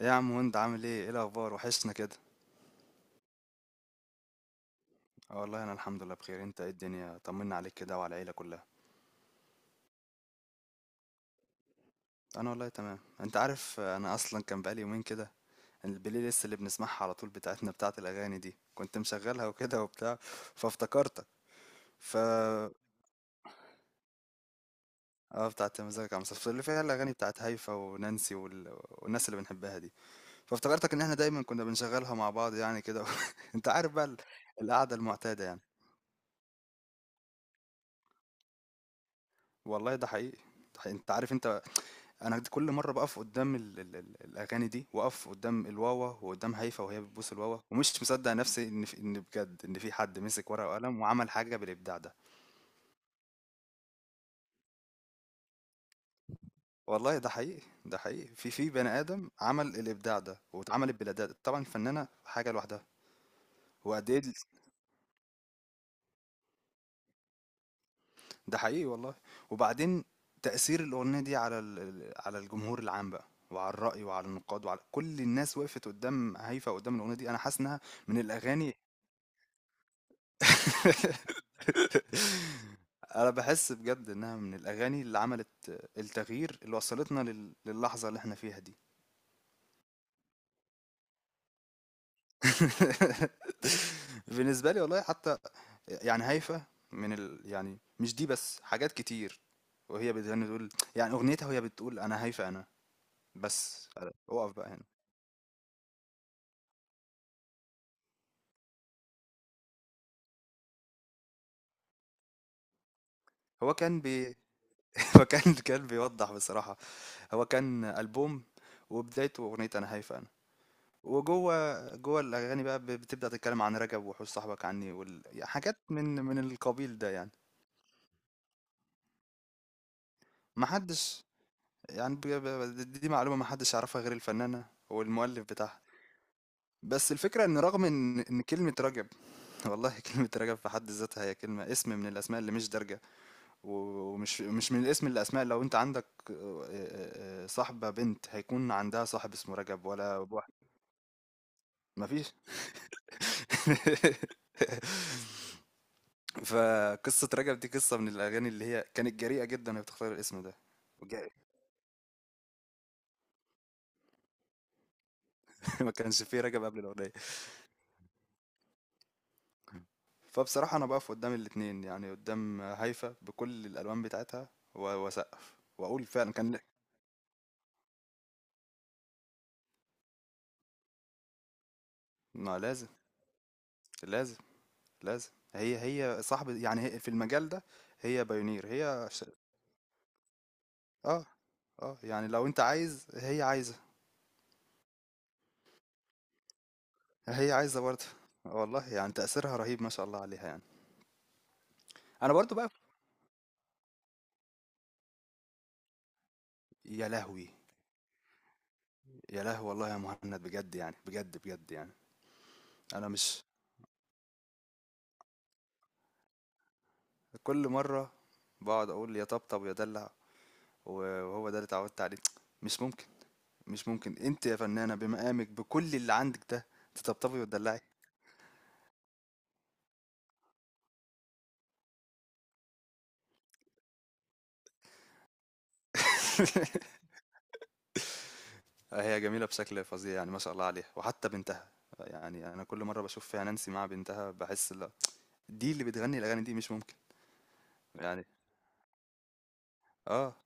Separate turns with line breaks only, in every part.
ايه يا عم، وانت عامل ايه؟ ايه الاخبار؟ وحشنا كده. اه والله انا الحمد لله بخير. انت ايه الدنيا؟ طمنا عليك كده وعلى العيله كلها. انا والله تمام. انت عارف انا اصلا كان بقالي يومين كده البلاي ليست اللي بنسمعها على طول بتاعتنا، بتاعت الاغاني دي، كنت مشغلها وكده وبتاع، فافتكرتك. ف اه، بتاعت مزاجك يا عم صفصف، اللي فيها الاغاني بتاعت هيفا ونانسي والناس اللي بنحبها دي. فافتكرتك ان احنا دايما كنا بنشغلها مع بعض، يعني كده انت عارف بقى القعده المعتاده يعني. والله ده حقيقي. ده حقيقي. انت عارف، انت انا كل مره بقف قدام ال الاغاني دي، واقف قدام الواوا وقدام هيفا وهي بتبوس الواوا، ومش مصدق نفسي ان في، ان بجد ان في حد مسك ورقه وقلم وعمل حاجه بالابداع ده. والله ده حقيقي. ده حقيقي، في بني ادم عمل الابداع ده، واتعملت بلا طبعا الفنانه حاجه لوحدها. وقد ايه ال- ده حقيقي والله. وبعدين تاثير الاغنيه دي على على الجمهور العام بقى، وعلى الرأي وعلى النقاد وعلى كل الناس. وقفت قدام هيفا، قدام الأغنية دي أنا حاسس إنها من الأغاني. انا بحس بجد انها من الاغاني اللي عملت التغيير اللي وصلتنا للحظه اللي احنا فيها دي. بالنسبه لي والله حتى، يعني هيفا يعني مش دي بس، حاجات كتير. وهي بتغني تقول، يعني اغنيتها وهي بتقول: انا هيفا انا. بس اقف بقى هنا. هو كان بي هو كان كان بيوضح بصراحه، هو كان البوم وبدايته اغنيه انا هيفا، وجوّه الأغاني بقى بتبدأ تتكلّم عن رجب، وحُوش صاحبك عني، وال يعني، حاجات من القبيل ده يعني، ما حدّش، يعني ب ب د دي معلومة ما حدّش يعرفها غير الفنّانة والمؤلِّف بتاعها. بس الفكرة إن رغم إن كلمة رجب، والله كلمة رجب في حد ذاتها هي كلمة، اسم من الأسماء اللي مش دارجة، و ومش مش من الاسم للأسماء. لو أنت عندك صاحبة بنت، هيكون عندها صاحب اسمه رجب ولا واحد؟ ما فيش. فقصة رجب دي قصة من الأغاني اللي هي كانت جريئة جدا وهي بتختار الاسم ده. وجا- ما كانش فيه رجب قبل الأغنية. فبصراحة أنا بقف قدام الاتنين، يعني قدام هايفا بكل الألوان بتاعتها وأسقف وأقول فعلا كان ما لازم. لازم، لازم هي، هي صاحبة، يعني هي في المجال ده هي بايونير. اه، اه يعني لو أنت عايز هي عايزة، هي عايزة برضه. والله يعني تأثيرها رهيب ما شاء الله عليها يعني. أنا برضه بقى، يا لهوي، يا لهوي والله يا مهند، بجد يعني، بجد بجد يعني. انا مش، كل مره بقعد اقول يا طبطب يا دلع، وهو ده اللي اتعودت عليه. مش ممكن، مش ممكن انت يا فنانه بمقامك، بكل اللي عندك ده، تطبطبي وتدلعي. هي جميله بشكل فظيع يعني، ما شاء الله عليها. وحتى بنتها، يعني انا كل مره بشوف فيها نانسي مع بنتها بحس لا، دي اللي بتغني الاغاني دي؟ مش ممكن. يعني اه،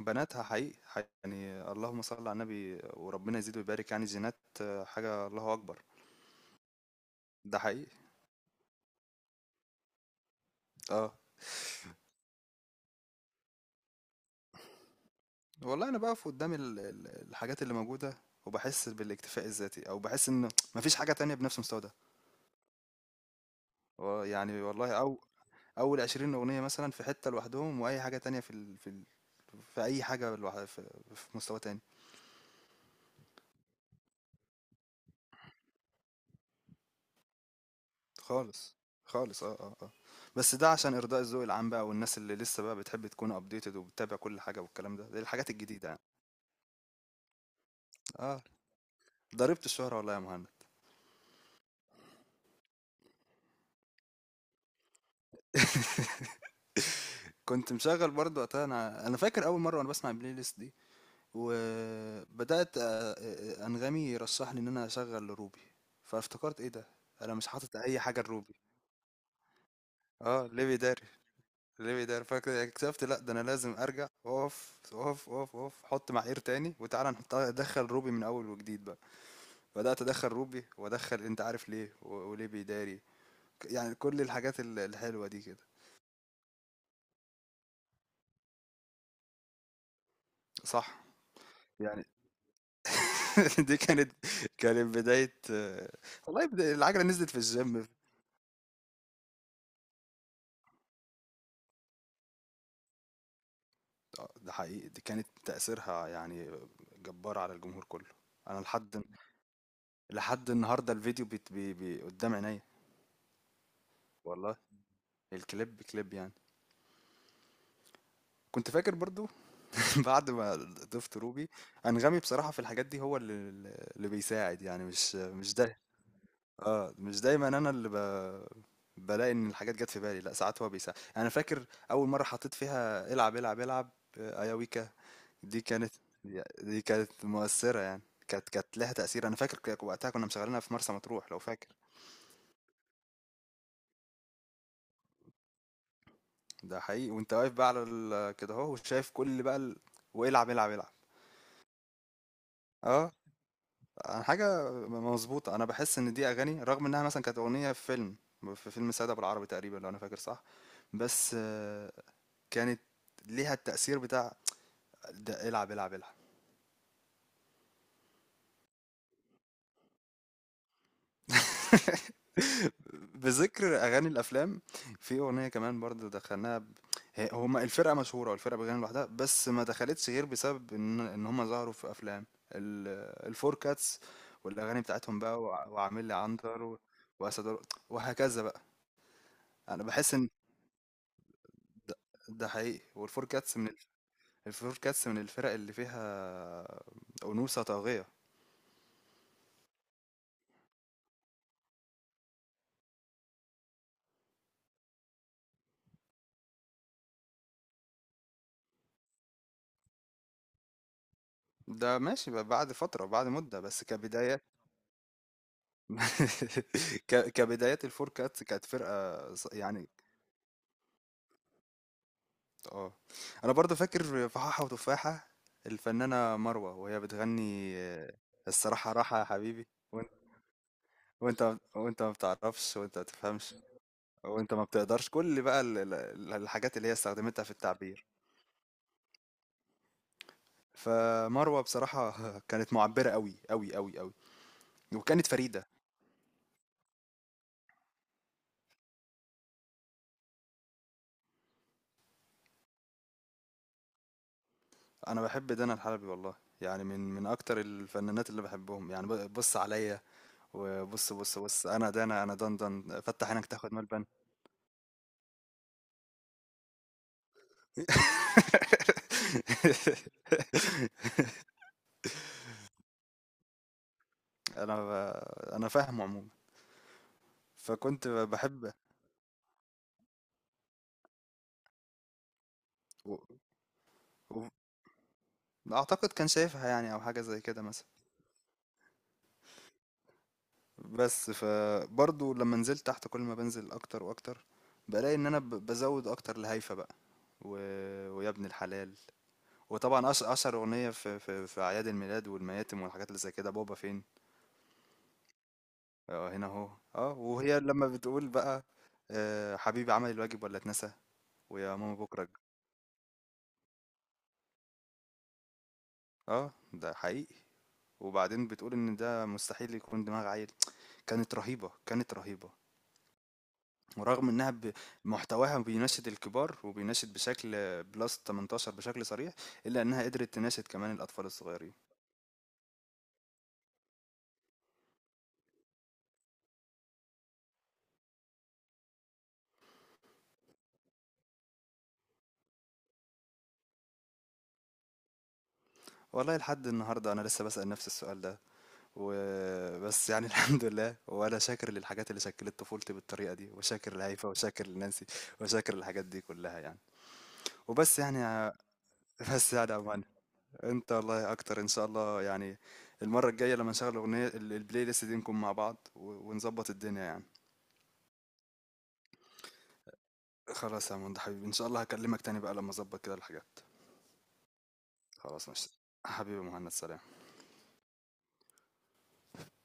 بناتها حقيقي, حقيقي يعني، اللهم صل على النبي، وربنا يزيد ويبارك يعني، جينات آه، حاجه الله اكبر. ده حقيقي. اه والله انا بقف قدام الحاجات اللي موجوده، وبحس بالاكتفاء الذاتي، او بحس ان مفيش حاجه تانية بنفس المستوى ده. آه، يعني والله، او اول 20 اغنيه مثلا في حته لوحدهم، واي حاجه تانية في اي حاجه لوحدها، في مستوى تاني خالص. خالص، اه اه اه. بس ده عشان ارضاء الذوق العام بقى، والناس اللي لسه بقى بتحب تكون ابديتد وبتتابع كل حاجه والكلام ده، دي الحاجات الجديده يعني. اه، ضربت الشهره والله يا مهند. كنت مشغل برضه وقتها، انا انا فاكر اول مره وانا بسمع البلاي ليست دي، وبدأت آه، آه، أنغامي يرشح لي إن أنا أشغل روبي. فافتكرت إيه ده؟ أنا مش حاطط أي حاجة لروبي. اه، ليه بيداري. ليه بيداري. فاكر اكتشفت لا، ده انا لازم ارجع اقف، حط معايير تاني. وتعالى ادخل روبي من اول وجديد بقى. بدأت ادخل روبي، وادخل انت عارف ليه، وليه بيداري، يعني كل الحاجات الحلوة دي كده. صح، يعني دي كانت، كانت بداية آه، والله العجلة نزلت في الجيم. آه، ده حقيقي، دي كانت تأثيرها يعني جبار على الجمهور كله. انا لحد، لحد النهارده الفيديو بيت بي بي قدام عينيا. والله الكليب كليب يعني. كنت فاكر برضو بعد ما ضفت روبي، انغامي بصراحة في الحاجات دي هو اللي، اللي بيساعد يعني، مش ده. اه مش دايما انا اللي بلاقي ان الحاجات جت في بالي، لا ساعات هو بيساعد يعني. انا فاكر اول مرة حطيت فيها العب، آه، ايا ويكا. دي كانت، دي كانت مؤثرة يعني، كانت، كانت لها تأثير. أنا فاكر وقتها كنا مشغلينها في مرسى مطروح لو فاكر. ده حقيقي، وأنت واقف بقى على كده أهو وشايف كل بقى والعب العب العب. اه. أنا حاجة مظبوطة، أنا بحس إن دي أغاني رغم إنها مثلا كانت أغنية في فيلم، في فيلم سادة بالعربي تقريبا لو أنا فاكر صح، بس آه، كانت ليها التأثير بتاع ده، العب العب العب. بذكر اغاني الافلام، في اغنيه كمان برضه دخلناها هما الفرقه مشهوره والفرقه بتغني لوحدها، بس ما دخلتش غير بسبب ان هما ظهروا في افلام، الفور كاتس، والاغاني بتاعتهم بقى وعامل لي عنتر واسد ور- وهكذا بقى. انا بحس ان ده، ده حقيقي. والفور كاتس من الفور كاتس من الفرق اللي فيها انوثه طاغيه. ده ماشي بقى بعد فتره، بعد مده، بس كبدايه كبدايات الفور كاتس كانت فرقة يعني، اه. انا برضو فاكر فحاحة وتفاحة، الفنانة مروة وهي بتغني آه، الصراحة راحة يا حبيبي، وانت وانت ما بتعرفش، وانت ما تفهمش، وانت ما بتقدرش، كل بقى الحاجات اللي هي استخدمتها في التعبير. فمروة بصراحة كانت معبرة قوي قوي قوي قوي، وكانت فريدة. انا بحب دانا الحلبي والله، يعني من اكتر الفنانات اللي بحبهم يعني. بص عليا، وبُص، بُص، بُص، أنا ده، أنا أنا دان، فتّح عينك تاخد ملبن. أنا ب أنا فاهمه عمومًا، فكنت باحب و و أعتقد كان شايفها يعني، أو حاجة زي كده مثلًا، بس فبرضه لمّا نزلت تحت، كل ما بانزل أكتر وأكتر، بالاقي إن أنا بازوّد أكتر لهايفا بقى. و ويا ابن الحلال، وطبعًا أشهر أغنية في أعياد الميلاد والمياتم والحاجات اللي زي كده: بابا فين. آه، هنا أهو، آه، وهي لمّا بتقول بقى حبيبي عمل الواجب والّا اتنسى، ويا ماما بُكرة آه، ده حقيقي، وبعدين بتقول إن ده مستحيل يكون دماغ عيل. كانت رهيبة، كانت رهيبة. ورغم إنها محتواها بيناشد الكبار، وبيناشد بشكل plus 18 بشكل صريح، إلا إنها قدرت تناشد كمان الأطفال الصغيرين. والله لحد النهارده أنا لسه باسأل نفسي السؤال ده. وبس يعني الحمد لله، وأنا شاكر للحاجات اللي شكلت طفولتي بالطريقة دي، وشاكر لهيفا، وشاكر لنانسي، وشاكر للحاجات دي كلها يعني. وبس يعني بس يعني يا مان، انت والله اكتر ان شاء الله يعني. المرة الجاية لما نشغل اغنية البلاي ليست دي نكون مع بعض ونظبط الدنيا يعني. خلاص يا مهند حبيبي، ان شاء الله هكلمك تاني بقى لما اظبط كده الحاجات. خلاص ماشي. حبيبي مهند، سلام.